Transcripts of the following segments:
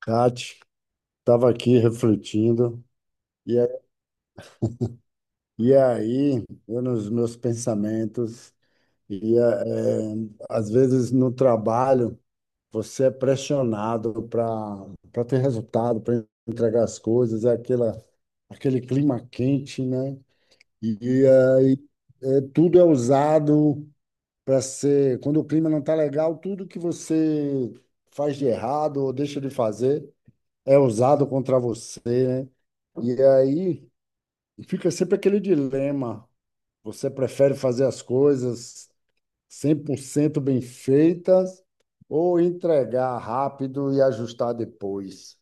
Kate, estava aqui refletindo, e, a- e aí, eu nos meus pensamentos, e eh, às vezes no trabalho, você é pressionado para ter resultado, para entregar as coisas, aquele clima quente, né? E, e aí, tudo é usado para ser, quando o clima não está legal, tudo que você faz de errado ou deixa de fazer é usado contra você, né? E aí, fica sempre aquele dilema. Você prefere fazer as coisas 100% bem feitas ou entregar rápido e ajustar depois?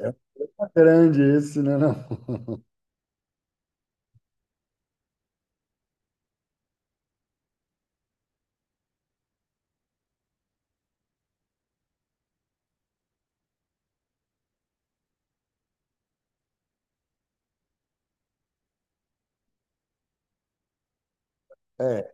É uma grande esse, né? Não? É,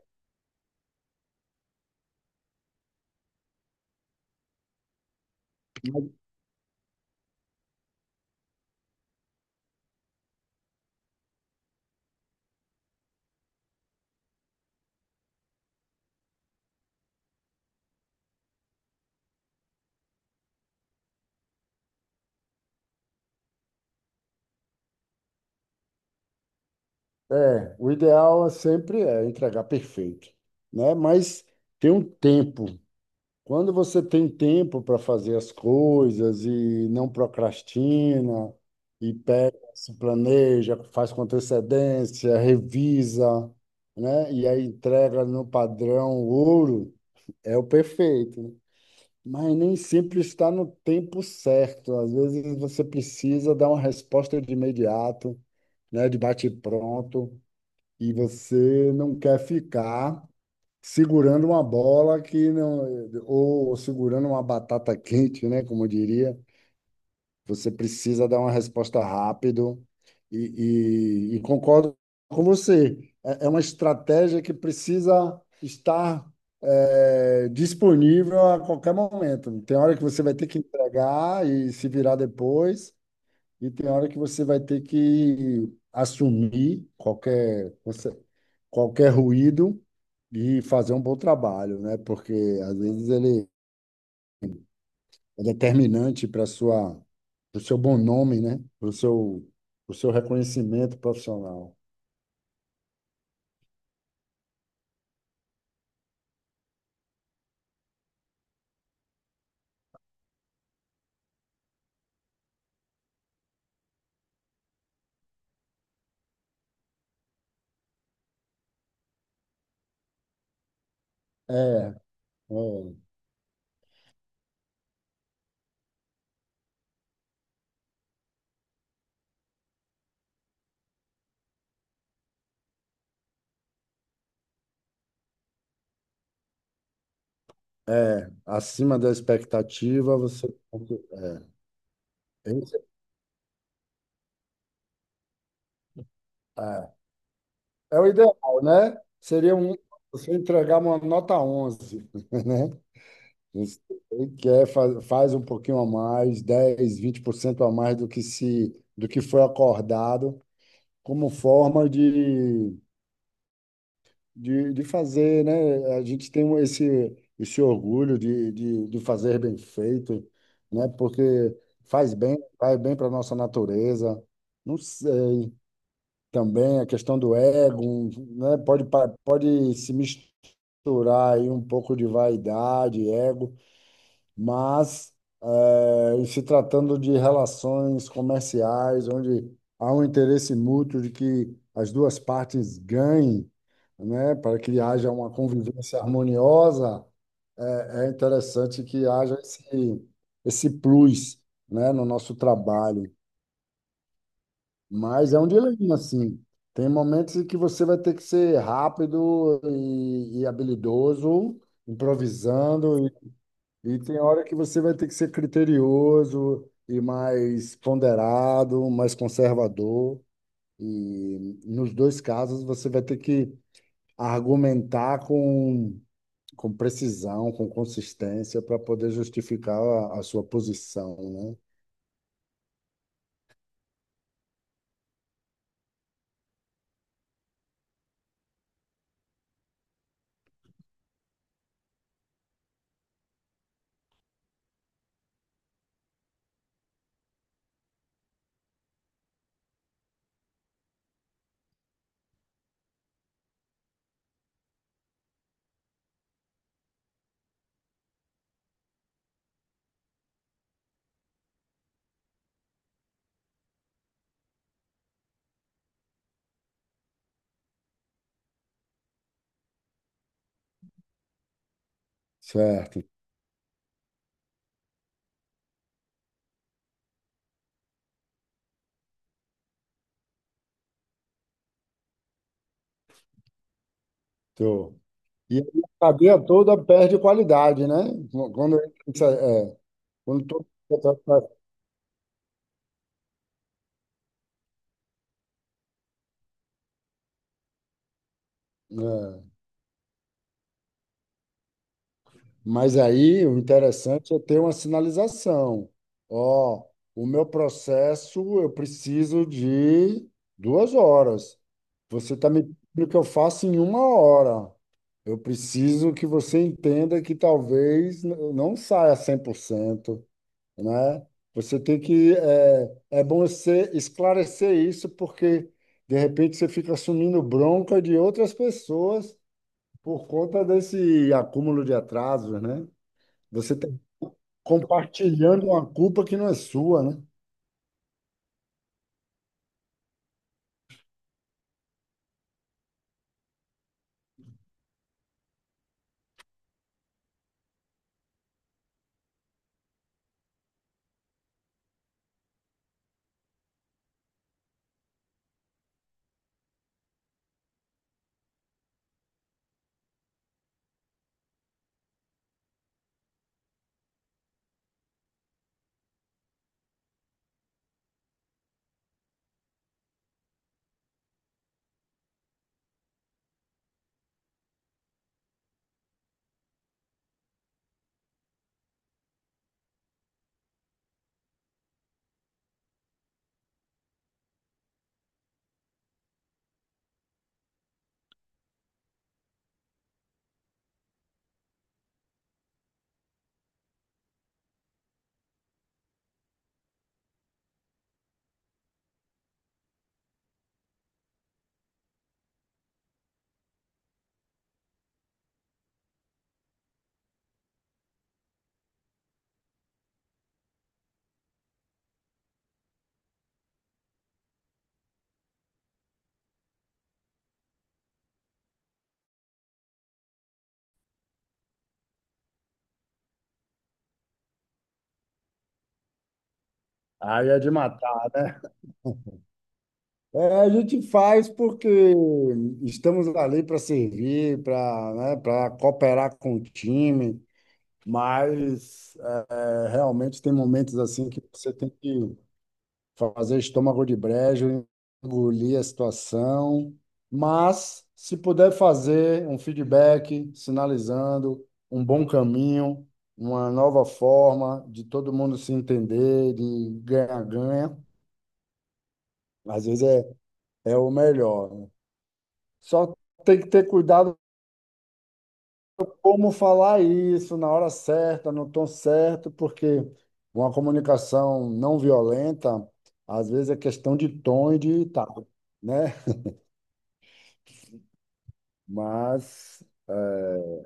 o ideal é sempre é entregar perfeito, né? Mas tem um tempo. Quando você tem tempo para fazer as coisas e não procrastina, e pega, se planeja, faz com antecedência, revisa, né? E aí entrega no padrão ouro, é o perfeito, né? Mas nem sempre está no tempo certo. Às vezes você precisa dar uma resposta de imediato, né? De bate-pronto, e você não quer ficar segurando uma bola que não, ou segurando uma batata quente, né? Como eu diria, você precisa dar uma resposta rápido e concordo com você. É, é uma estratégia que precisa estar disponível a qualquer momento. Tem hora que você vai ter que entregar e se virar depois. E tem hora que você vai ter que assumir qualquer ruído e fazer um bom trabalho, né? Porque às vezes ele é determinante para o seu bom nome, né? Para o seu reconhecimento profissional. É, é, acima da expectativa, você. É, esse- é é o ideal, né? Você entregar uma nota 11, né? Você faz um pouquinho a mais, 10 a 20% a mais do que se do que foi acordado, como forma de fazer, né? A gente tem esse orgulho de fazer bem feito, né? Porque faz bem, vai bem para a nossa natureza. Não sei, também a questão do ego, né? Pode se misturar aí um pouco de vaidade, ego, mas em se tratando de relações comerciais, onde há um interesse mútuo de que as duas partes ganhem, né, para que haja uma convivência harmoniosa, é interessante que haja esse plus, né, no nosso trabalho. Mas é um dilema, assim. Tem momentos em que você vai ter que ser rápido e habilidoso, improvisando, e tem hora que você vai ter que ser criterioso e mais ponderado, mais conservador. E nos dois casos você vai ter que argumentar com precisão, com consistência, para poder justificar a sua posição, né? Certo. Tô. E a cadeia toda perde qualidade, né? Quando, é, quando todo- é, mas aí o interessante é ter uma sinalização. Ó, o meu processo eu preciso de 2 horas. Você está me pedindo que eu faça em 1 hora. Eu preciso que você entenda que talvez não saia 100%, né? Você tem que... É, é bom você esclarecer isso, porque, de repente, você fica assumindo bronca de outras pessoas por conta desse acúmulo de atrasos, né? Você está compartilhando uma culpa que não é sua, né? Aí é de matar, né? É, a gente faz porque estamos ali para servir, para, né, para cooperar com o time, mas é, realmente tem momentos assim que você tem que fazer estômago de brejo, engolir a situação, mas se puder fazer um feedback sinalizando um bom caminho, uma nova forma de todo mundo se entender, de ganhar-ganha, às vezes é o melhor, né? Só tem que ter cuidado como falar isso na hora certa, no tom certo, porque uma comunicação não violenta, às vezes é questão de tom e de tal, né? Mas é,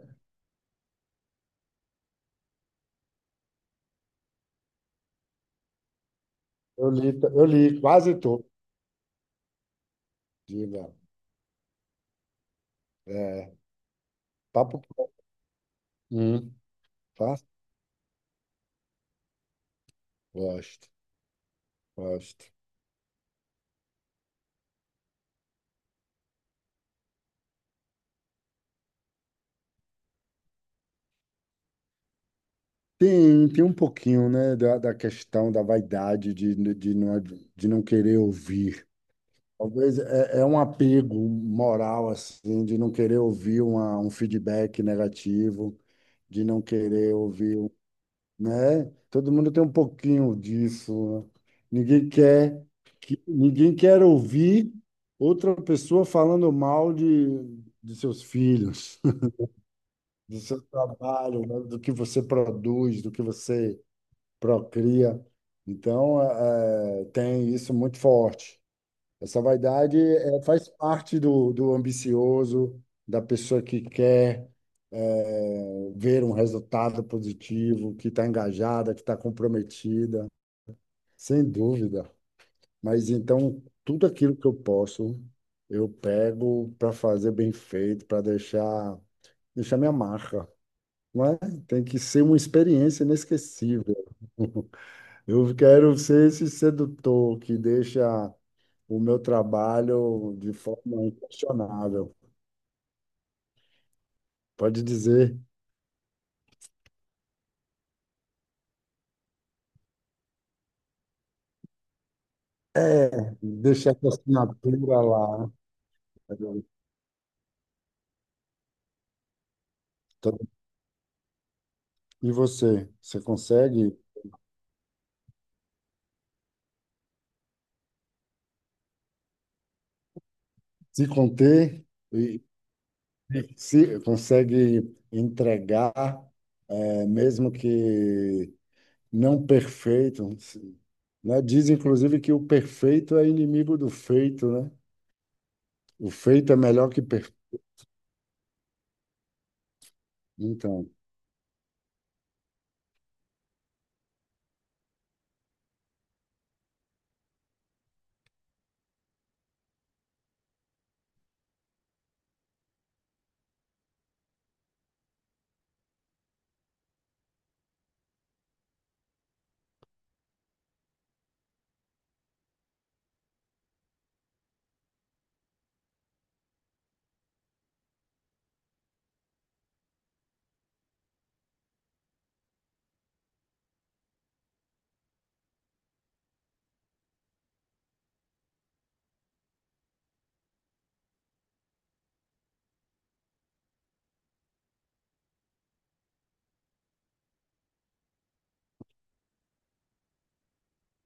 eu li, eu li quase tudo. Diga, é, papo. pro- Hum, tá? Gosto, gosto. Tem um pouquinho, né, da questão da vaidade não, de não querer ouvir. Talvez é um apego moral, assim, de não querer ouvir um feedback negativo, de não querer ouvir, né? Todo mundo tem um pouquinho disso, né? Ninguém quer ninguém quer ouvir outra pessoa falando mal de seus filhos, do seu trabalho, né? Do que você produz, do que você procria. Então, tem isso muito forte. Essa vaidade faz parte do, do ambicioso, da pessoa que quer é, ver um resultado positivo, que está engajada, que está comprometida. Sem dúvida. Mas então, tudo aquilo que eu posso, eu pego para fazer bem feito, para deixar, deixar minha marca, não é? Tem que ser uma experiência inesquecível. Eu quero ser esse sedutor que deixa o meu trabalho de forma inquestionável. Pode dizer, é, deixar essa assinatura lá. E você, você consegue se conter? E se consegue entregar, mesmo que não perfeito, né? Diz inclusive que o perfeito é inimigo do feito, né? O feito é melhor que perfeito. Então,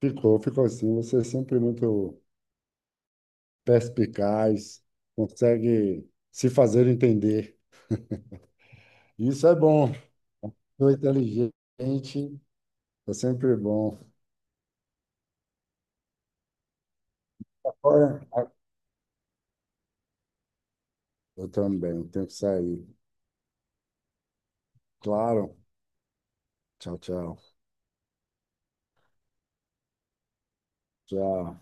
ficou, ficou assim. Você é sempre muito perspicaz, consegue se fazer entender. Isso é bom. Sou inteligente, é sempre bom. Agora, eu também tenho que sair. Claro. Tchau, tchau. Tchau.